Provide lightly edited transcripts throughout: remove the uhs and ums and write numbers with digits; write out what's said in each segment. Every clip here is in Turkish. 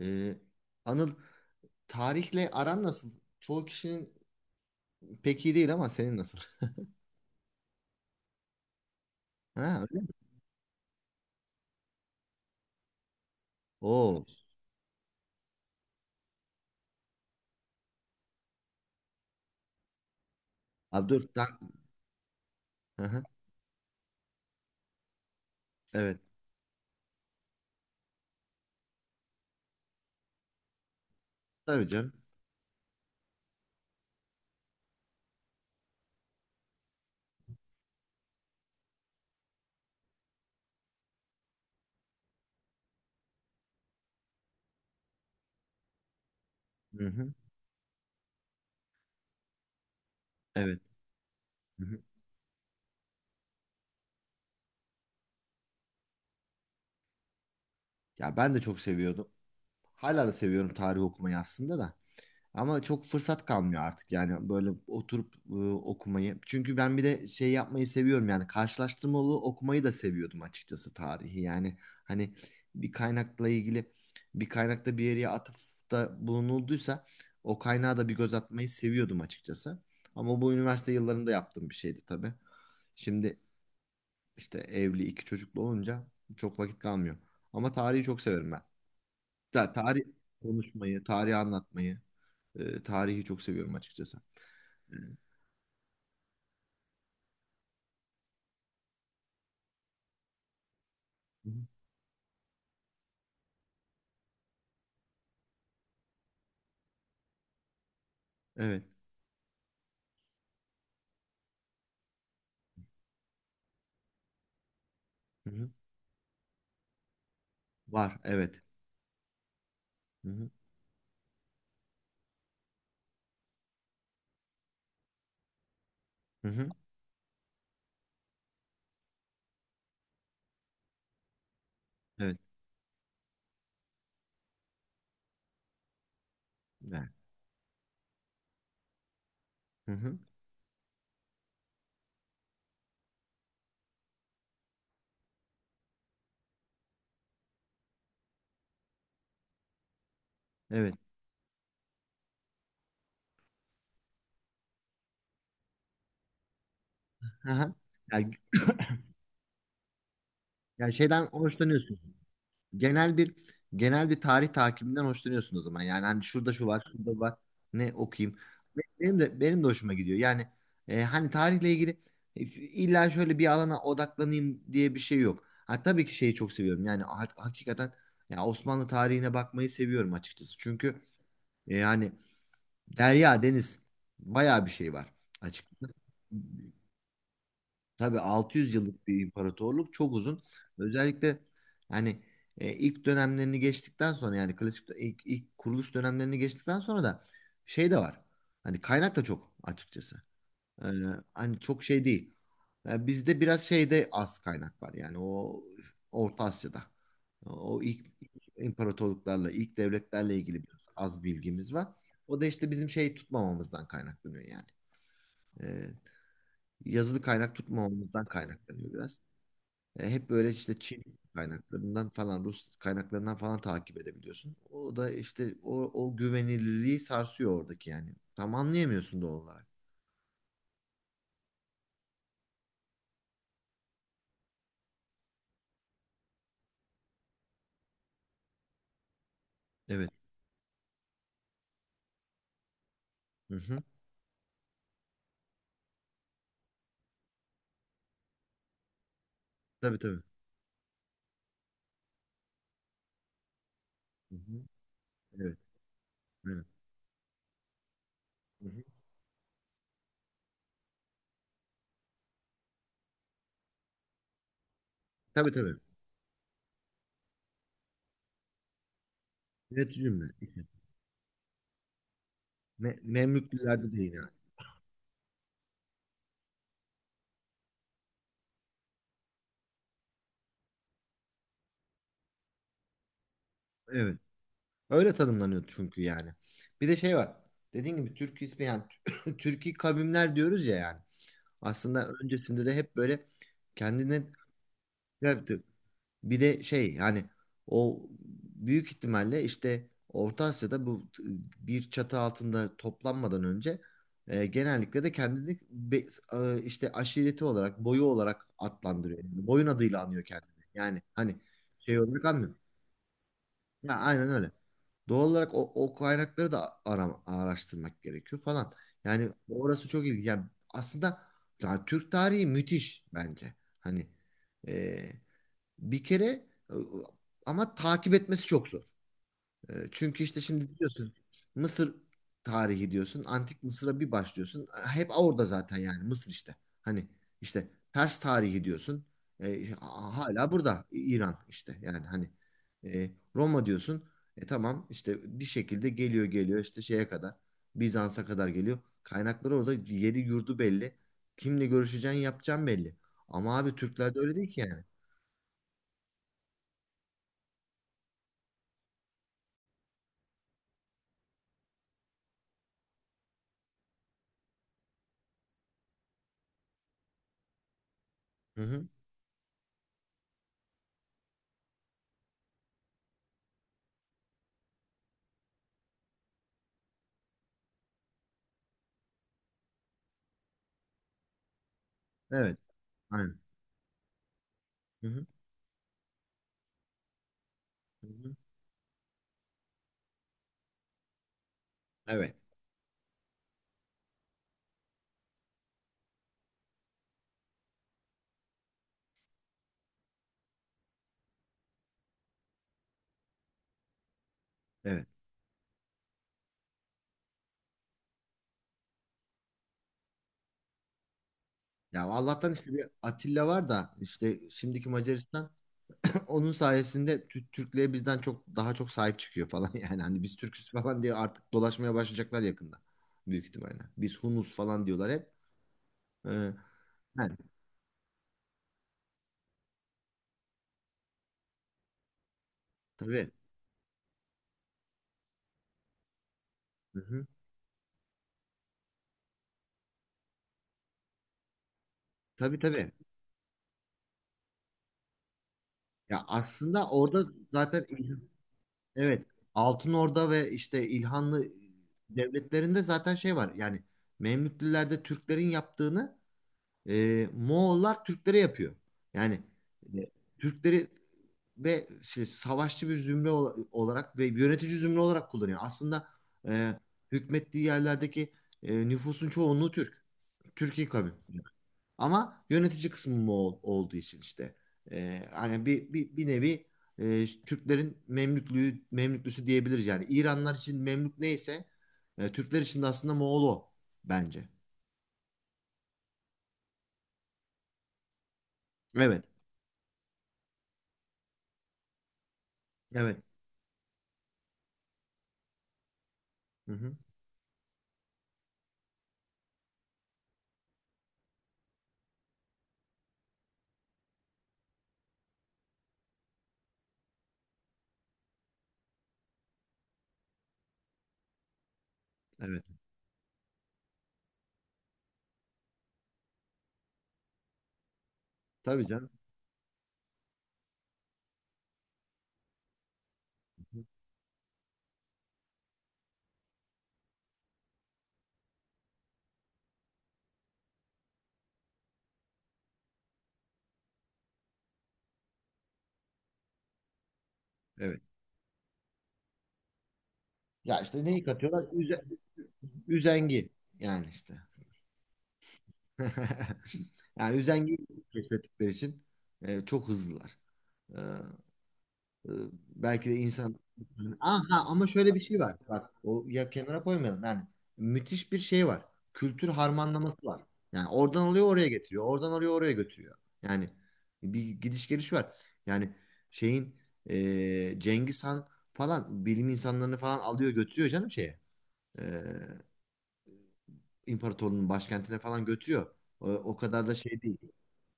Ee, Anıl, tarihle aran nasıl? Çoğu kişinin pek iyi değil ama senin nasıl? Ha, öyle mi? Oo. Abi dur. Hı hı. Evet. Tabii canım. Hı hı. Evet. Hı hı. Ya ben de çok seviyordum. Hala da seviyorum tarih okumayı aslında da. Ama çok fırsat kalmıyor artık yani böyle oturup okumayı. Çünkü ben bir de şey yapmayı seviyorum yani karşılaştırmalı okumayı da seviyordum açıkçası tarihi. Yani hani bir kaynakla ilgili bir kaynakta bir yere atıfta bulunulduysa o kaynağa da bir göz atmayı seviyordum açıkçası. Ama bu üniversite yıllarında yaptığım bir şeydi tabii. Şimdi işte evli iki çocuklu olunca çok vakit kalmıyor. Ama tarihi çok severim ben. Tarih konuşmayı, tarihi anlatmayı, tarihi çok seviyorum açıkçası. Hı hı. Evet. Hı hı. Var. Evet. Hı hı. Hı hı. Evet. Var. Hı hı. Evet. Hı hı. Yani, yani, şeyden hoşlanıyorsun. Genel bir genel bir tarih takibinden hoşlanıyorsun o zaman. Yani hani şurada şu var, şurada var. Ne okuyayım? Benim de hoşuma gidiyor. Yani hani tarihle ilgili illa şöyle bir alana odaklanayım diye bir şey yok. Ha, tabii ki şeyi çok seviyorum. Yani hakikaten ya Osmanlı tarihine bakmayı seviyorum açıkçası. Çünkü yani Derya, deniz. Bayağı bir şey var açıkçası. Tabii 600 yıllık bir imparatorluk çok uzun. Özellikle hani ilk dönemlerini geçtikten sonra yani klasik ilk kuruluş dönemlerini geçtikten sonra da şey de var. Hani kaynak da çok açıkçası. Ee, Hani çok şey değil. Yani bizde biraz şeyde az kaynak var. Yani o Orta Asya'da. O ilk imparatorluklarla, ilk devletlerle ilgili biraz az bilgimiz var. O da işte bizim şey tutmamamızdan kaynaklanıyor yani. Ee, Yazılı kaynak tutmamamızdan kaynaklanıyor biraz. Hep böyle işte Çin kaynaklarından falan, Rus kaynaklarından falan takip edebiliyorsun. O da işte o güvenilirliği sarsıyor oradaki yani. Tam anlayamıyorsun doğal olarak. Evet. Hı hı. Tabii tabii. Hı hı. Evet. Evet. Hı hı. Tabii tabii. Evet cümle. İki. Memlüklülerde de yine. Evet. Öyle tanımlanıyor çünkü yani. Bir de şey var. Dediğim gibi Türk ismi yani Türki kavimler diyoruz ya yani. Aslında öncesinde de hep böyle kendine bir de şey yani o büyük ihtimalle işte Orta Asya'da bu bir çatı altında toplanmadan önce genellikle de kendini işte aşireti olarak boyu olarak adlandırıyor. Yani boyun adıyla anıyor kendini. Yani hani şey olarak anmıyor. Ya aynen öyle. Doğal olarak o kaynakları da araştırmak gerekiyor falan. Yani orası çok iyi. Yani aslında yani Türk tarihi müthiş bence. Hani e, bir kere e, ama takip etmesi çok zor. Çünkü işte şimdi diyorsun Mısır tarihi diyorsun. Antik Mısır'a bir başlıyorsun. Hep orada zaten yani Mısır işte. Hani işte Pers tarihi diyorsun. Hala burada İran işte yani hani e, Roma diyorsun. Tamam işte bir şekilde geliyor geliyor işte şeye kadar Bizans'a kadar geliyor. Kaynakları orada yeri yurdu belli. Kimle görüşeceğin yapacağın belli. Ama abi Türklerde öyle değil ki yani. Hı hı. Evet. Aynen. Hı hı. Hı hı. Evet. Evet. Ya Allah'tan işte bir Atilla var da işte şimdiki Macaristan onun sayesinde Türklere bizden çok daha çok sahip çıkıyor falan yani hani biz Türküz falan diye artık dolaşmaya başlayacaklar yakında büyük ihtimalle. Biz Hunus falan diyorlar hep. Ee, Yani tabii. Hı hı. Tabii tabii. Ya aslında orada zaten evet Altın Orda ve işte İlhanlı devletlerinde zaten şey var. Yani Memlüklülerde Türklerin yaptığını Moğollar Türklere yapıyor. Yani e, Türkleri ve şey, savaşçı bir zümre olarak ve yönetici zümre olarak kullanıyor. Aslında e, hükmettiği yerlerdeki nüfusun çoğunluğu Türk. Türkiye kavmi. Ama yönetici kısmı Moğol olduğu için işte hani bir nevi Türklerin Memlüklüğü, Memlüklüsü diyebiliriz. Yani İranlar için Memlük neyse Türkler için de aslında Moğol o bence. Evet. Evet. Hı hı. Evet. Tabii canım. Evet. Ya işte neyi katıyorlar? Üzengi yani işte. Yani üzengiyi keşfettikleri için çok hızlılar. E, e, Belki de insan... Aha, ama şöyle bir şey var. Bak o ya kenara koymayalım. Yani müthiş bir şey var. Kültür harmanlaması var. Yani oradan alıyor oraya getiriyor. Oradan alıyor oraya götürüyor. Yani bir gidiş geliş var. Yani şeyin Cengiz Han falan bilim insanlarını falan alıyor götürüyor canım şeye. e, imparatorluğun başkentine falan götürüyor. O kadar da şey değil.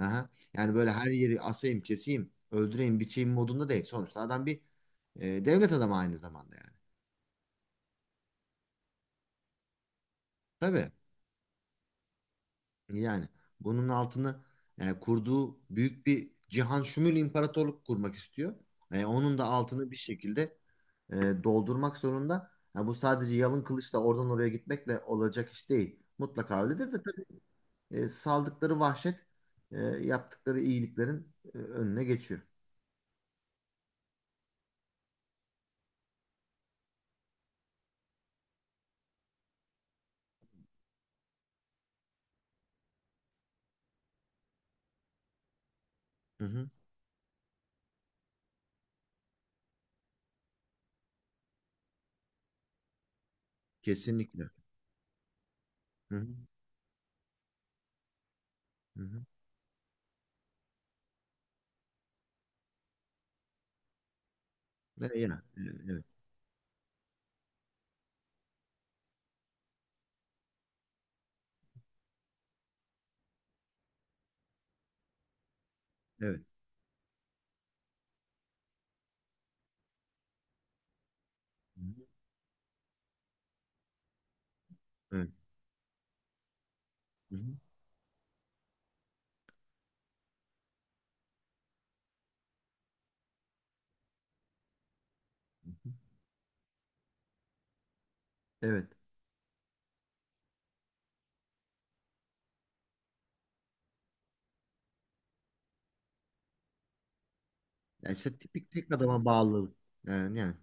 Aha. Yani böyle her yeri asayım, keseyim, öldüreyim, biçeyim modunda değil. Sonuçta adam bir devlet adamı aynı zamanda yani. Tabii yani bunun altını kurduğu büyük bir cihan şumul imparatorluk kurmak istiyor. Onun da altını bir şekilde e, doldurmak zorunda. Ha, bu sadece yalın kılıçla oradan oraya gitmekle olacak iş değil. Mutlaka öyledir de saldıkları vahşet yaptıkları iyiliklerin önüne geçiyor. Hı hı. Kesinlikle. Hı hı. Hı hı. Ve ya, evet, evet. Hı hı. Evet. Hı hı. Evet. Ya işte tipik tek adama bağlılık. Yani.